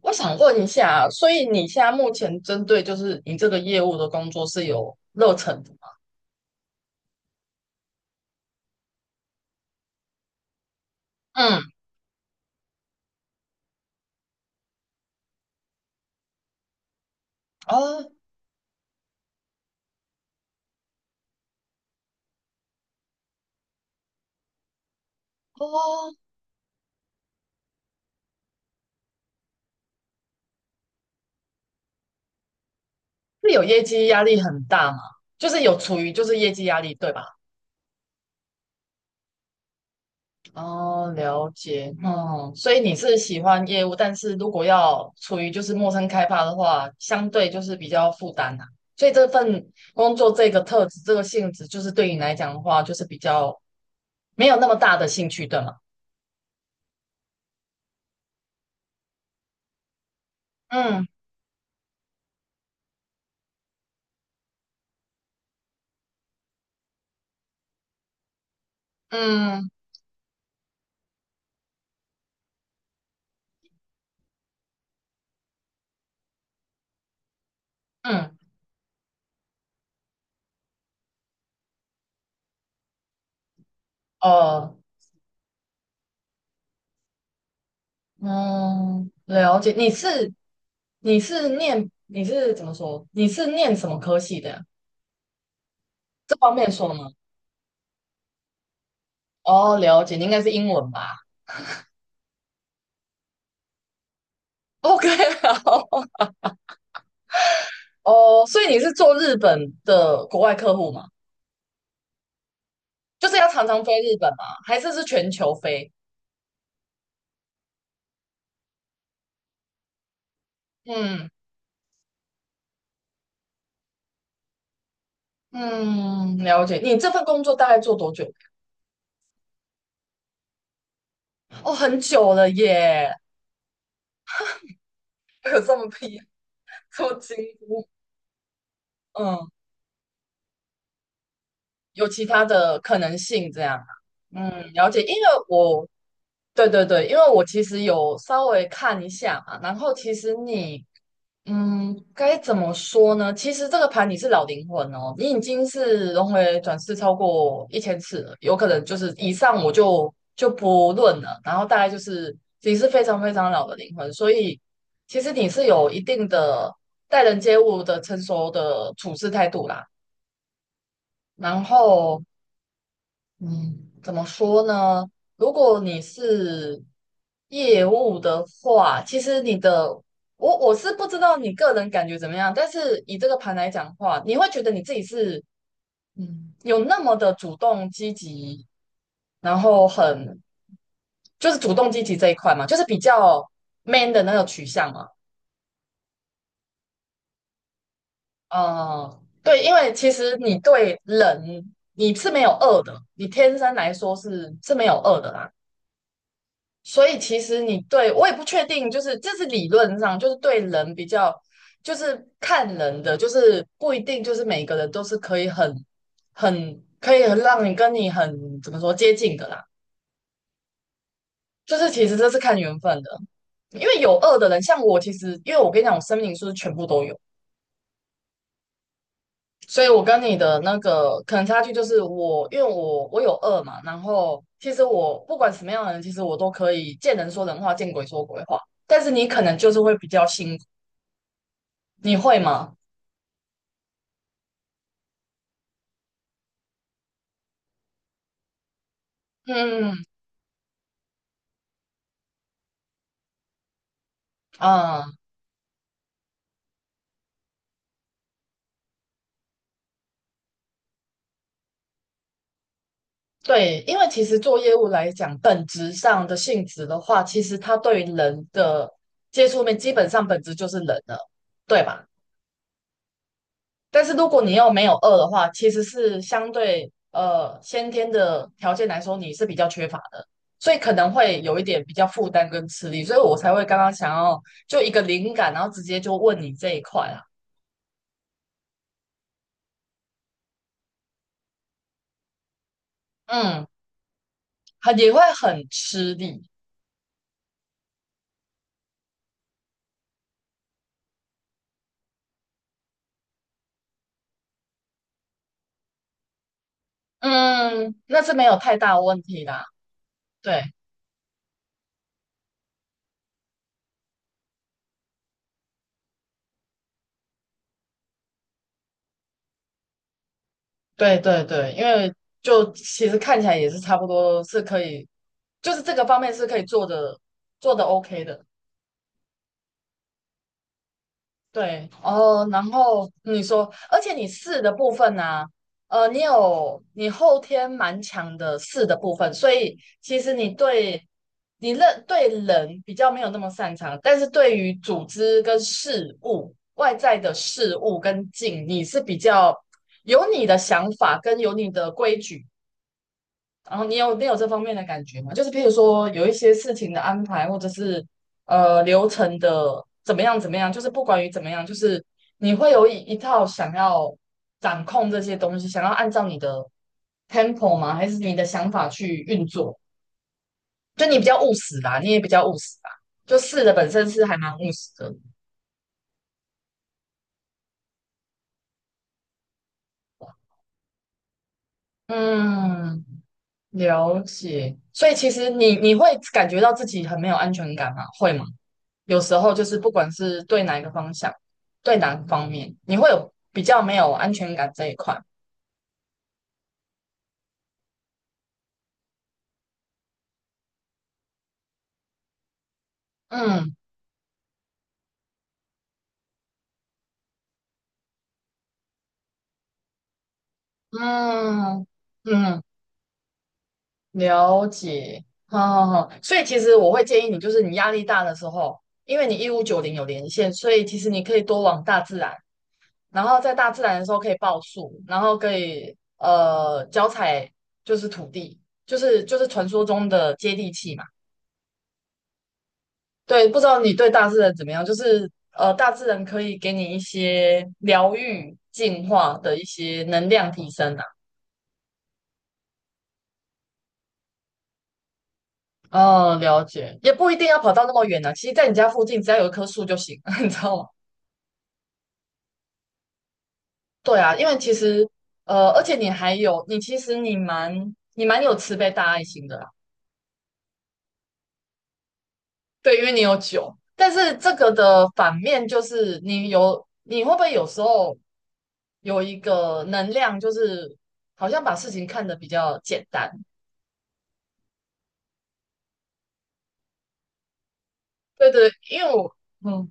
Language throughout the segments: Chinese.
我想问一下，所以你现在目前针对就是你这个业务的工作是有热忱的吗？嗯。哦哦，是有业绩压力很大吗？就是有处于就是业绩压力，对吧？哦，了解，嗯，所以你是喜欢业务，但是如果要处于就是陌生开发的话，相对就是比较负担啊。所以这份工作这个特质这个性质，就是对你来讲的话，就是比较没有那么大的兴趣，对吗？嗯嗯嗯。哦，嗯，了解。你是怎么说？你是念什么科系的呀？这方面说吗？哦，了解。你应该是英文吧？OK,好。哦，所以你是做日本的国外客户吗？就是要常常飞日本吗？还是全球飞？嗯嗯，了解。你这份工作大概做多久？哦，很久了耶，有这么拼，害，这么惊呼。嗯有其他的可能性这样啊。嗯，了解，因为我对对对，因为我其实有稍微看一下嘛，然后其实你该怎么说呢？其实这个盘你是老灵魂哦，你已经是轮回转世超过1000次了，有可能就是以上我就不论了，然后大概就是你是非常非常老的灵魂，所以其实你是有一定的待人接物的成熟的处事态度啦。然后嗯，怎么说呢？如果你是业务的话，其实你的我是不知道你个人感觉怎么样，但是以这个盘来讲的话，你会觉得你自己是有那么的主动积极，然后很就是主动积极这一块嘛，就是比较 man 的那个取向嘛。嗯，对，因为其实你对人你是没有恶的，你天生来说是没有恶的啦。所以其实你对我也不确定，就是这是理论上，就是对人比较，就是看人的，就是不一定就是每个人都是可以很可以很让你跟你很怎么说接近的啦，就是其实这是看缘分的，因为有恶的人，像我其实因为我跟你讲，我生命灵数是全部都有，所以我跟你的那个可能差距就是我因为我有恶嘛，然后其实我不管什么样的人，其实我都可以见人说人话，见鬼说鬼话。但是你可能就是会比较辛苦。你会吗？嗯啊，对，因为其实做业务来讲，本质上的性质的话，其实它对人的接触面，基本上本质就是人了，对吧？但是如果你又没有饿的话，其实是相对先天的条件来说，你是比较缺乏的，所以可能会有一点比较负担跟吃力，所以我才会刚刚想要就一个灵感，然后直接就问你这一块啊，嗯，很也会很吃力。嗯，那是没有太大问题啦。对，对，对，对，因为就其实看起来也是差不多是可以，就是这个方面是可以做的，做的 OK 的。对，哦，然后你说，而且你四的部分呢、你后天蛮强的四的部分，所以其实你认对人比较没有那么擅长，但是对于组织跟事物、外在的事物跟境，你是比较有你的想法跟有你的规矩。然后你有这方面的感觉吗？就是譬如说有一些事情的安排，或者是流程的怎么样怎么样，就是不管于怎么样，就是你会有一套想要掌控这些东西，想要按照你的 tempo 吗？还是你的想法去运作？就你比较务实啦，你也比较务实啦，就试的本身是还蛮务实的。嗯，了解。所以其实你会感觉到自己很没有安全感吗？会吗？有时候就是不管是对哪一个方向，对哪个方面，你会有比较没有安全感这一块。嗯嗯嗯，了解。好好好，所以其实我会建议你，就是你压力大的时候，因为你1590有连线，所以其实你可以多往大自然。然后在大自然的时候可以抱树，然后可以脚踩就是土地，就是传说中的接地气嘛。对，不知道你对大自然怎么样？就是大自然可以给你一些疗愈、净化的一些能量提升啊。哦，了解，也不一定要跑到那么远啊。其实，在你家附近，只要有一棵树就行，你知道吗？对啊，因为其实而且你还有，你其实你蛮有慈悲大爱心的。对，因为你有酒，但是这个的反面就是你有，你会不会有时候有一个能量，就是好像把事情看得比较简单？对对，因为我，嗯，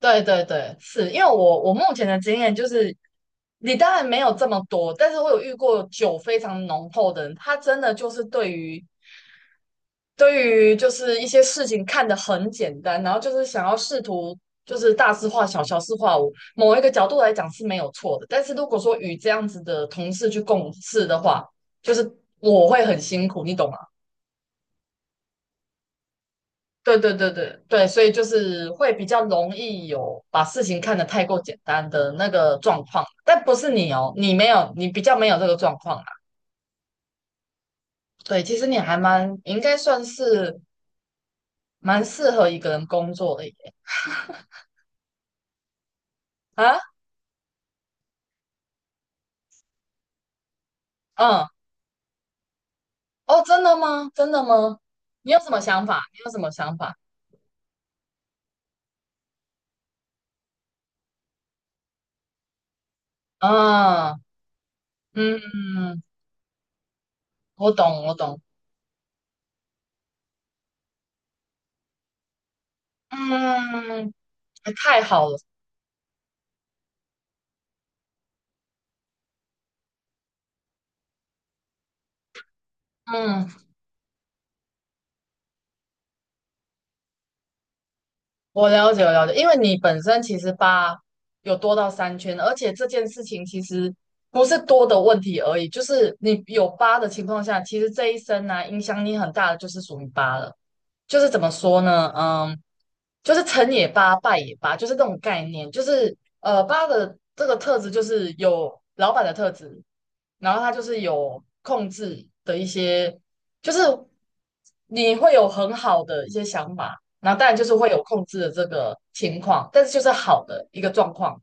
对对对，是因为我目前的经验就是，你当然没有这么多，但是我有遇过酒非常浓厚的人，他真的就是对于就是一些事情看得很简单，然后就是想要试图就是大事化小，小事化无，某一个角度来讲是没有错的。但是如果说与这样子的同事去共事的话，就是我会很辛苦，你懂吗？对对对对对，所以就是会比较容易有把事情看得太过简单的那个状况，但不是你哦，你没有，你比较没有这个状况啦。对，其实你还蛮应该算是蛮适合一个人工作的耶啊，嗯。哦，真的吗？真的吗？你有什么想法？你有什么想法？啊，嗯，我懂，我懂，嗯，太好了，嗯，我了解，我了解，因为你本身其实八有多到三圈，而且这件事情其实不是多的问题而已，就是你有八的情况下，其实这一生呢、影响你很大的就是属于八了，就是怎么说呢？嗯。就是成也八，败也八，就是这种概念。就是八的这个特质就是有老板的特质，然后他就是有控制的一些，就是你会有很好的一些想法，然后当然就是会有控制的这个情况，但是就是好的一个状况。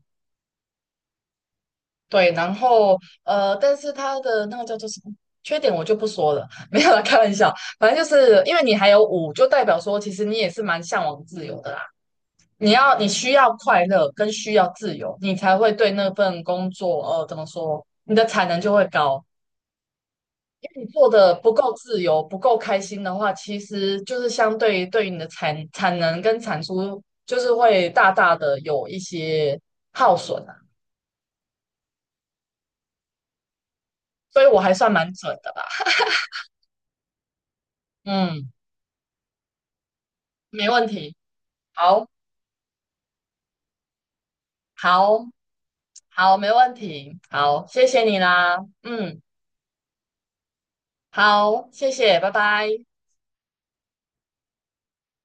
对，然后但是他的那个叫做什么缺点我就不说了，没有啦，开玩笑。反正就是因为你还有五，就代表说其实你也是蛮向往自由的啦。你需要快乐跟需要自由，你才会对那份工作，怎么说，你的产能就会高。因为你做的不够自由、不够开心的话，其实就是相对于对于你的产能跟产出，就是会大大的有一些耗损啊。所以我还算蛮准的吧，嗯，没问题，好，好，好，没问题，好，谢谢你啦，嗯，好，谢谢，拜拜。